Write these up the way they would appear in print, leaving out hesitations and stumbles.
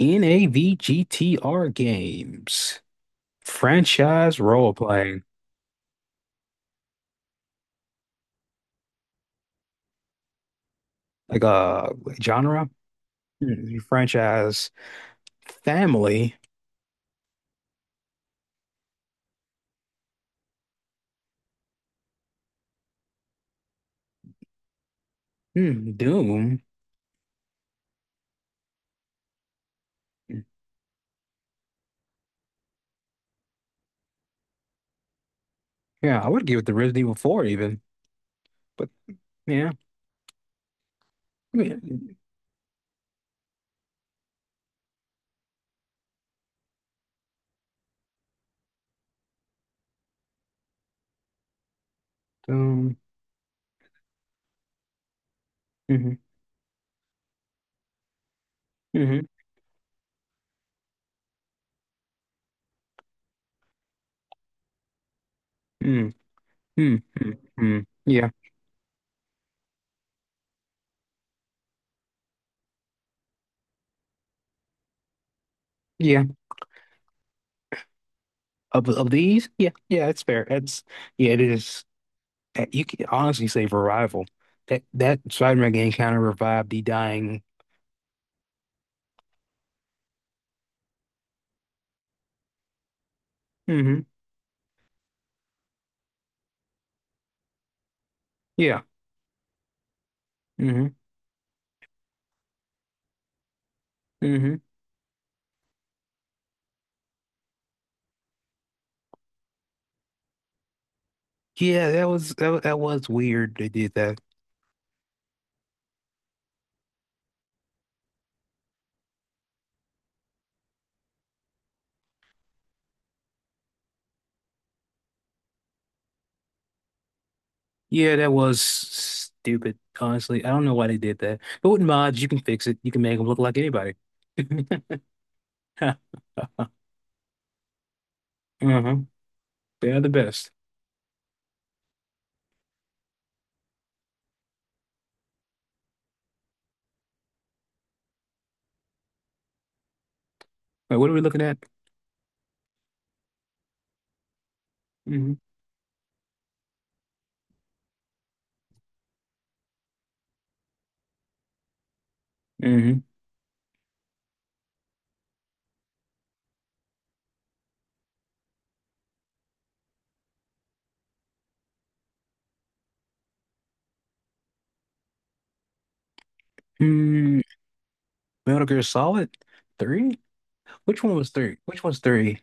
NAVGTR games, franchise role playing, like genre. Franchise, family. Doom. Yeah, I would give it the Resident Evil 4 even, but yeah, yeah. um, hmm hmm mm, yeah, yeah. Of these, yeah, yeah, it's fair. It is. You can honestly say Revival. That Spider-Man game kind of revived the dying. Hmm yeah. Mm-hmm. hmm Yeah, that was weird they did that. Yeah, that was stupid, honestly. I don't know why they did that. But with mods, you can fix it. You can make them look like anybody. Uh-huh. They are the best. Wait, what are we looking at? Mm-hmm. Mm-hmm. Mm, Metal Gear Solid 3? Which one was 3? Which one's 3?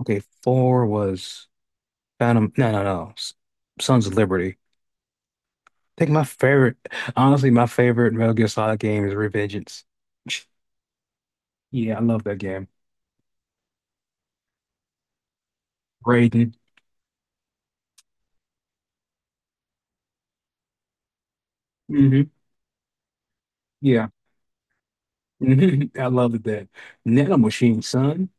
Okay, 4 was Phantom. No, no, no. S- Sons of Liberty. I think my favorite, honestly, my favorite Metal Gear Solid game is Revengeance. Yeah, I love that game. Raiden. Hmm Yeah. hmm I loved that. Nano Machine, son.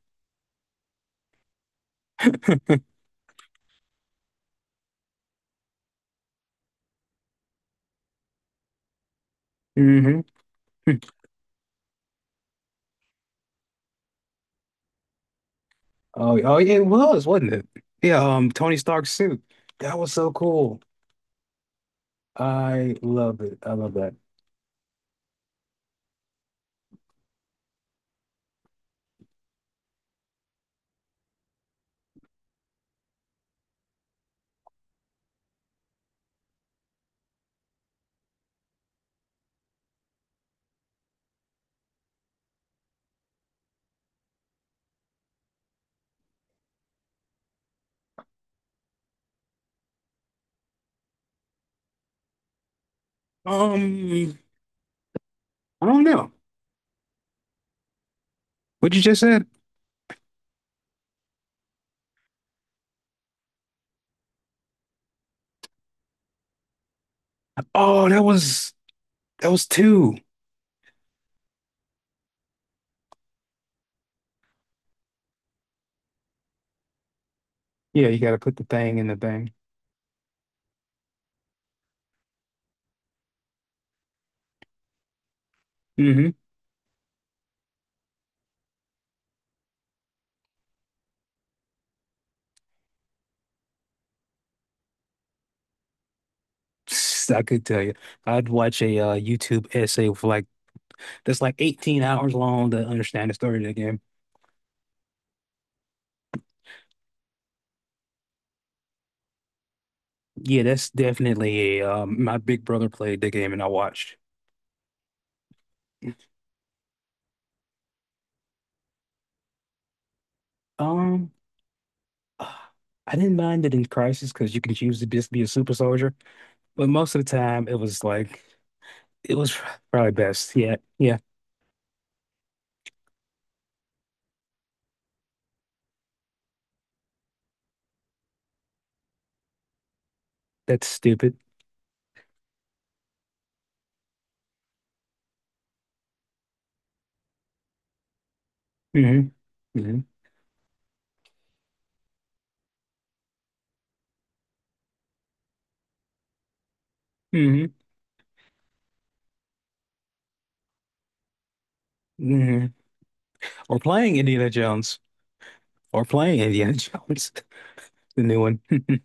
Hmm Oh, oh yeah, it was, wasn't it? Yeah, Tony Stark's suit. That was so cool. I love it. I love that. Um, I don't know. What you just said? Oh, that was two. Yeah, you gotta put the thing in the thing. Hmm I could tell you. I'd watch a YouTube essay for like that's like 18 hours long to understand the story of the game. Yeah, that's definitely a my big brother played the game and I watched. Um ah, I didn't mind it in Crisis because you can choose to just be a super soldier, but most of the time it was like it was probably best. Yeah, yeah, that's stupid. Hmm hmm hmm hmm Or playing Indiana Jones. Or playing Indiana Jones, the new one.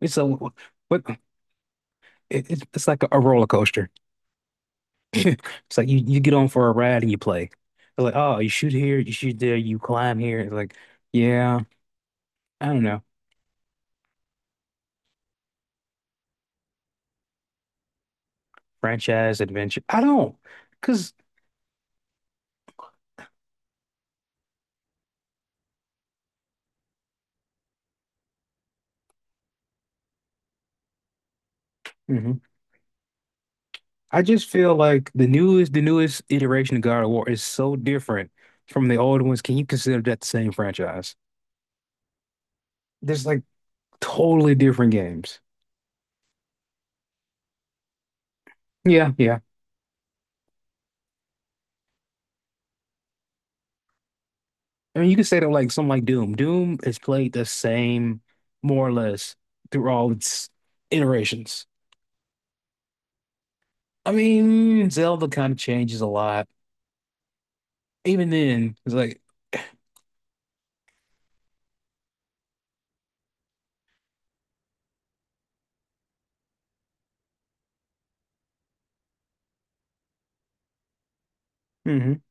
It's a what it, it's like a roller coaster. It's like you get on for a ride and you play. They're like, oh, you shoot here, you shoot there, you climb here. It's like, yeah, I don't know. Franchise adventure. I don't, because I just feel like the newest iteration of God of War is so different from the old ones. Can you consider that the same franchise? There's like totally different games. Yeah, yeah. I mean, you can say that like something like Doom. Doom is played the same, more or less, through all its iterations. I mean, Zelda kind of changes a lot. Even then, it's like, hmm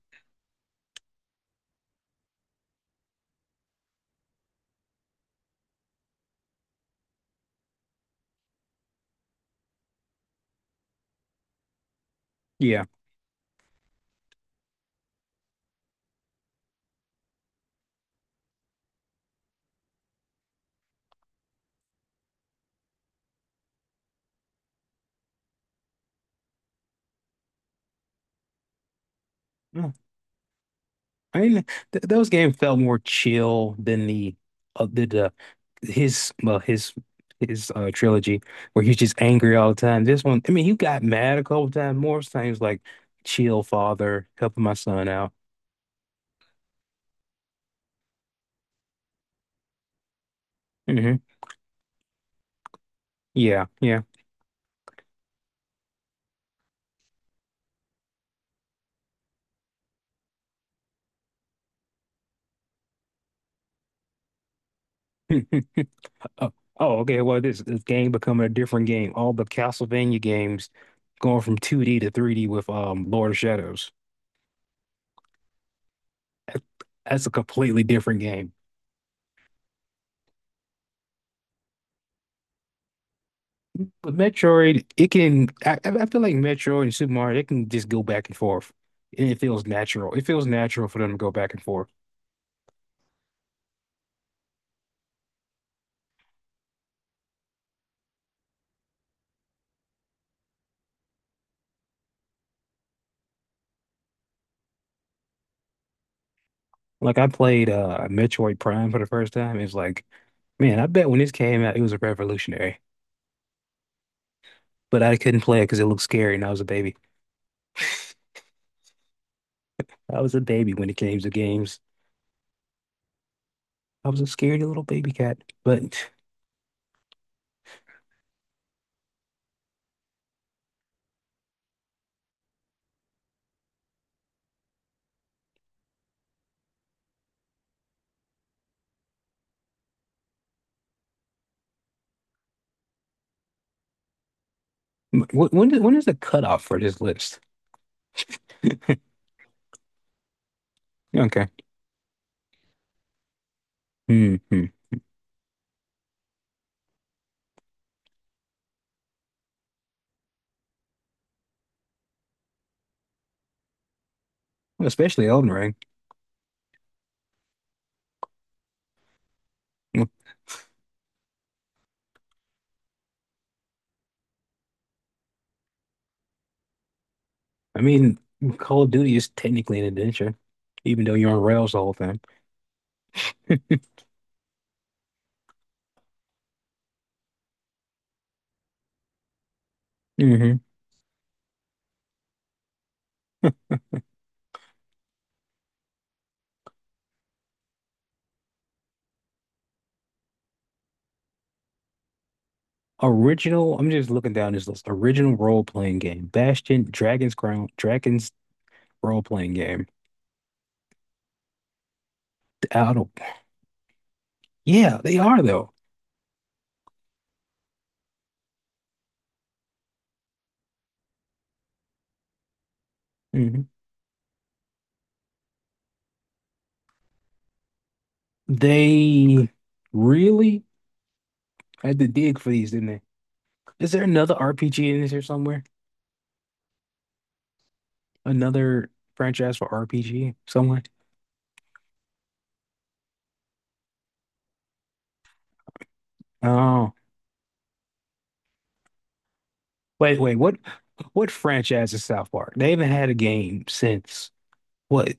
yeah. No, I mean, th those games felt more chill than the his well his trilogy where he's just angry all the time. This one, I mean, he got mad a couple times. More times like chill, father, helping my son out. Hmm Yeah, yeah. Oh, oh, okay. Well, this game becoming a different game. All the Castlevania games going from 2D to 3D with Lord of Shadows. That- That's a completely different game. But Metroid, it can. I feel like Metroid and Super Mario, they can just go back and forth, and it feels natural. It feels natural for them to go back and forth. Like I played Metroid Prime for the first time. It's like, man, I bet when this came out, it was a revolutionary. But I couldn't play it because it looked scary, and I was a baby. I was a baby when it came to games. I was a scaredy little baby cat. But wh- when is the cutoff for this list? Okay. hmm hmm. Especially Elden Ring. Hmm. I mean, Call of Duty is technically an adventure, even though you're on rails the whole time. Hmm Original. I'm just looking down this list. Original role playing game: Bastion, Dragon's Crown, Dragon's role playing game. I don't. Yeah, they are though. Hmm They really had to dig for these, didn't they? Is there another RPG in this here somewhere? Another franchise for RPG somewhere? Oh, wait, wait. What franchise is South Park? They haven't had a game since what?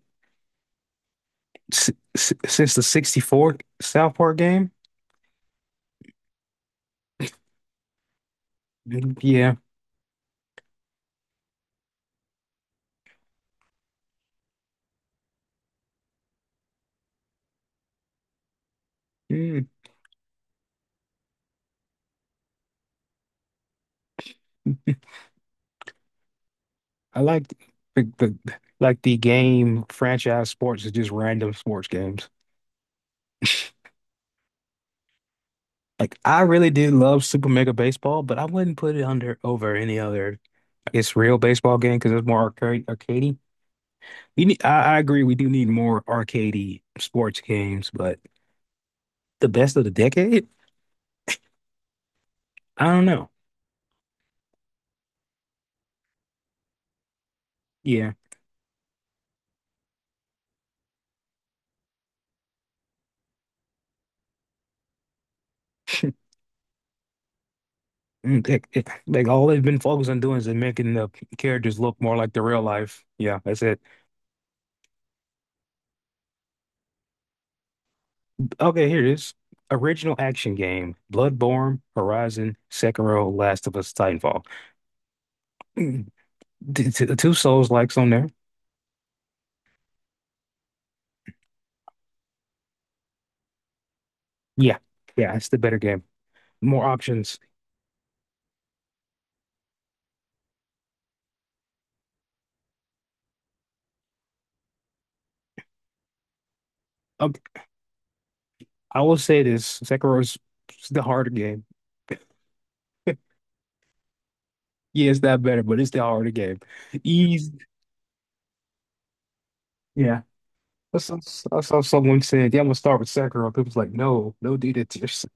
S since the 64 South Park game? Mm, yeah. Mm, I like the like the game franchise sports is just random sports games. Like I really did love Super Mega Baseball, but I wouldn't put it under over any other. It's real baseball game because it's more arcade, arcadey. I agree. We do need more arcadey sports games, but the best of the decade? I don't know. Yeah. Mm, like all they've been focused on doing is making the characters look more like the real life. Yeah, that's it. Okay, here it is. Original action game: Bloodborne, Horizon, Sekiro, Last of Us, Titanfall. Mm, two Souls-likes on there. Yeah, yeah, it's the better game. More options. Um, I will say this: Sekiro is the harder game. Yeah, it's not better, but it's the heart game. Ease. Yeah. I saw, I saw someone said, yeah, I'm gonna start with Sakura. People was like, no, no, do that to yourself.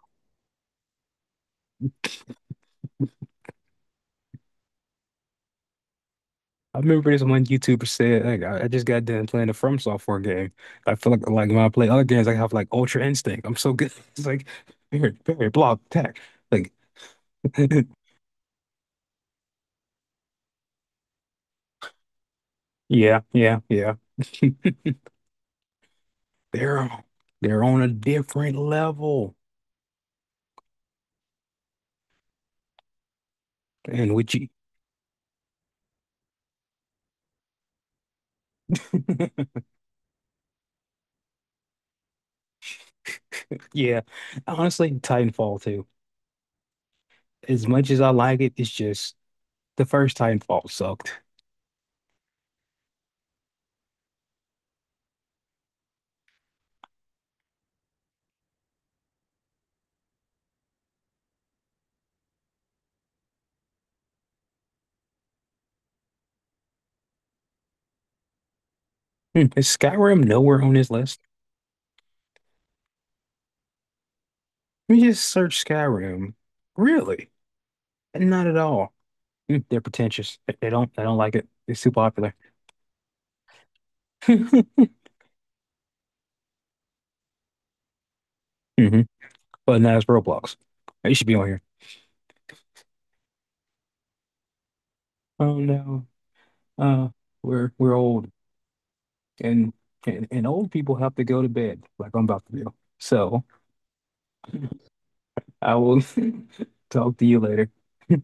I remember this one YouTuber said, like, I just got done playing a From Software game. I feel like when I play other games, I have like Ultra Instinct. I'm so good. It's like very, very block attack. Like yeah, yeah, yeah. They're they're on a different level. And would you yeah. Honestly, Titanfall too. As much as I like it, it's just the first Titanfall sucked. Hmm, is Skyrim nowhere on this list? Let me just search Skyrim. Really? Not at all. Hmm, they're pretentious. They don't like it. It's too popular. hmm But now it's Roblox. It should be on here. Oh no. Uh, we're old, and and old people have to go to bed like I'm about to do. So I will talk to you later.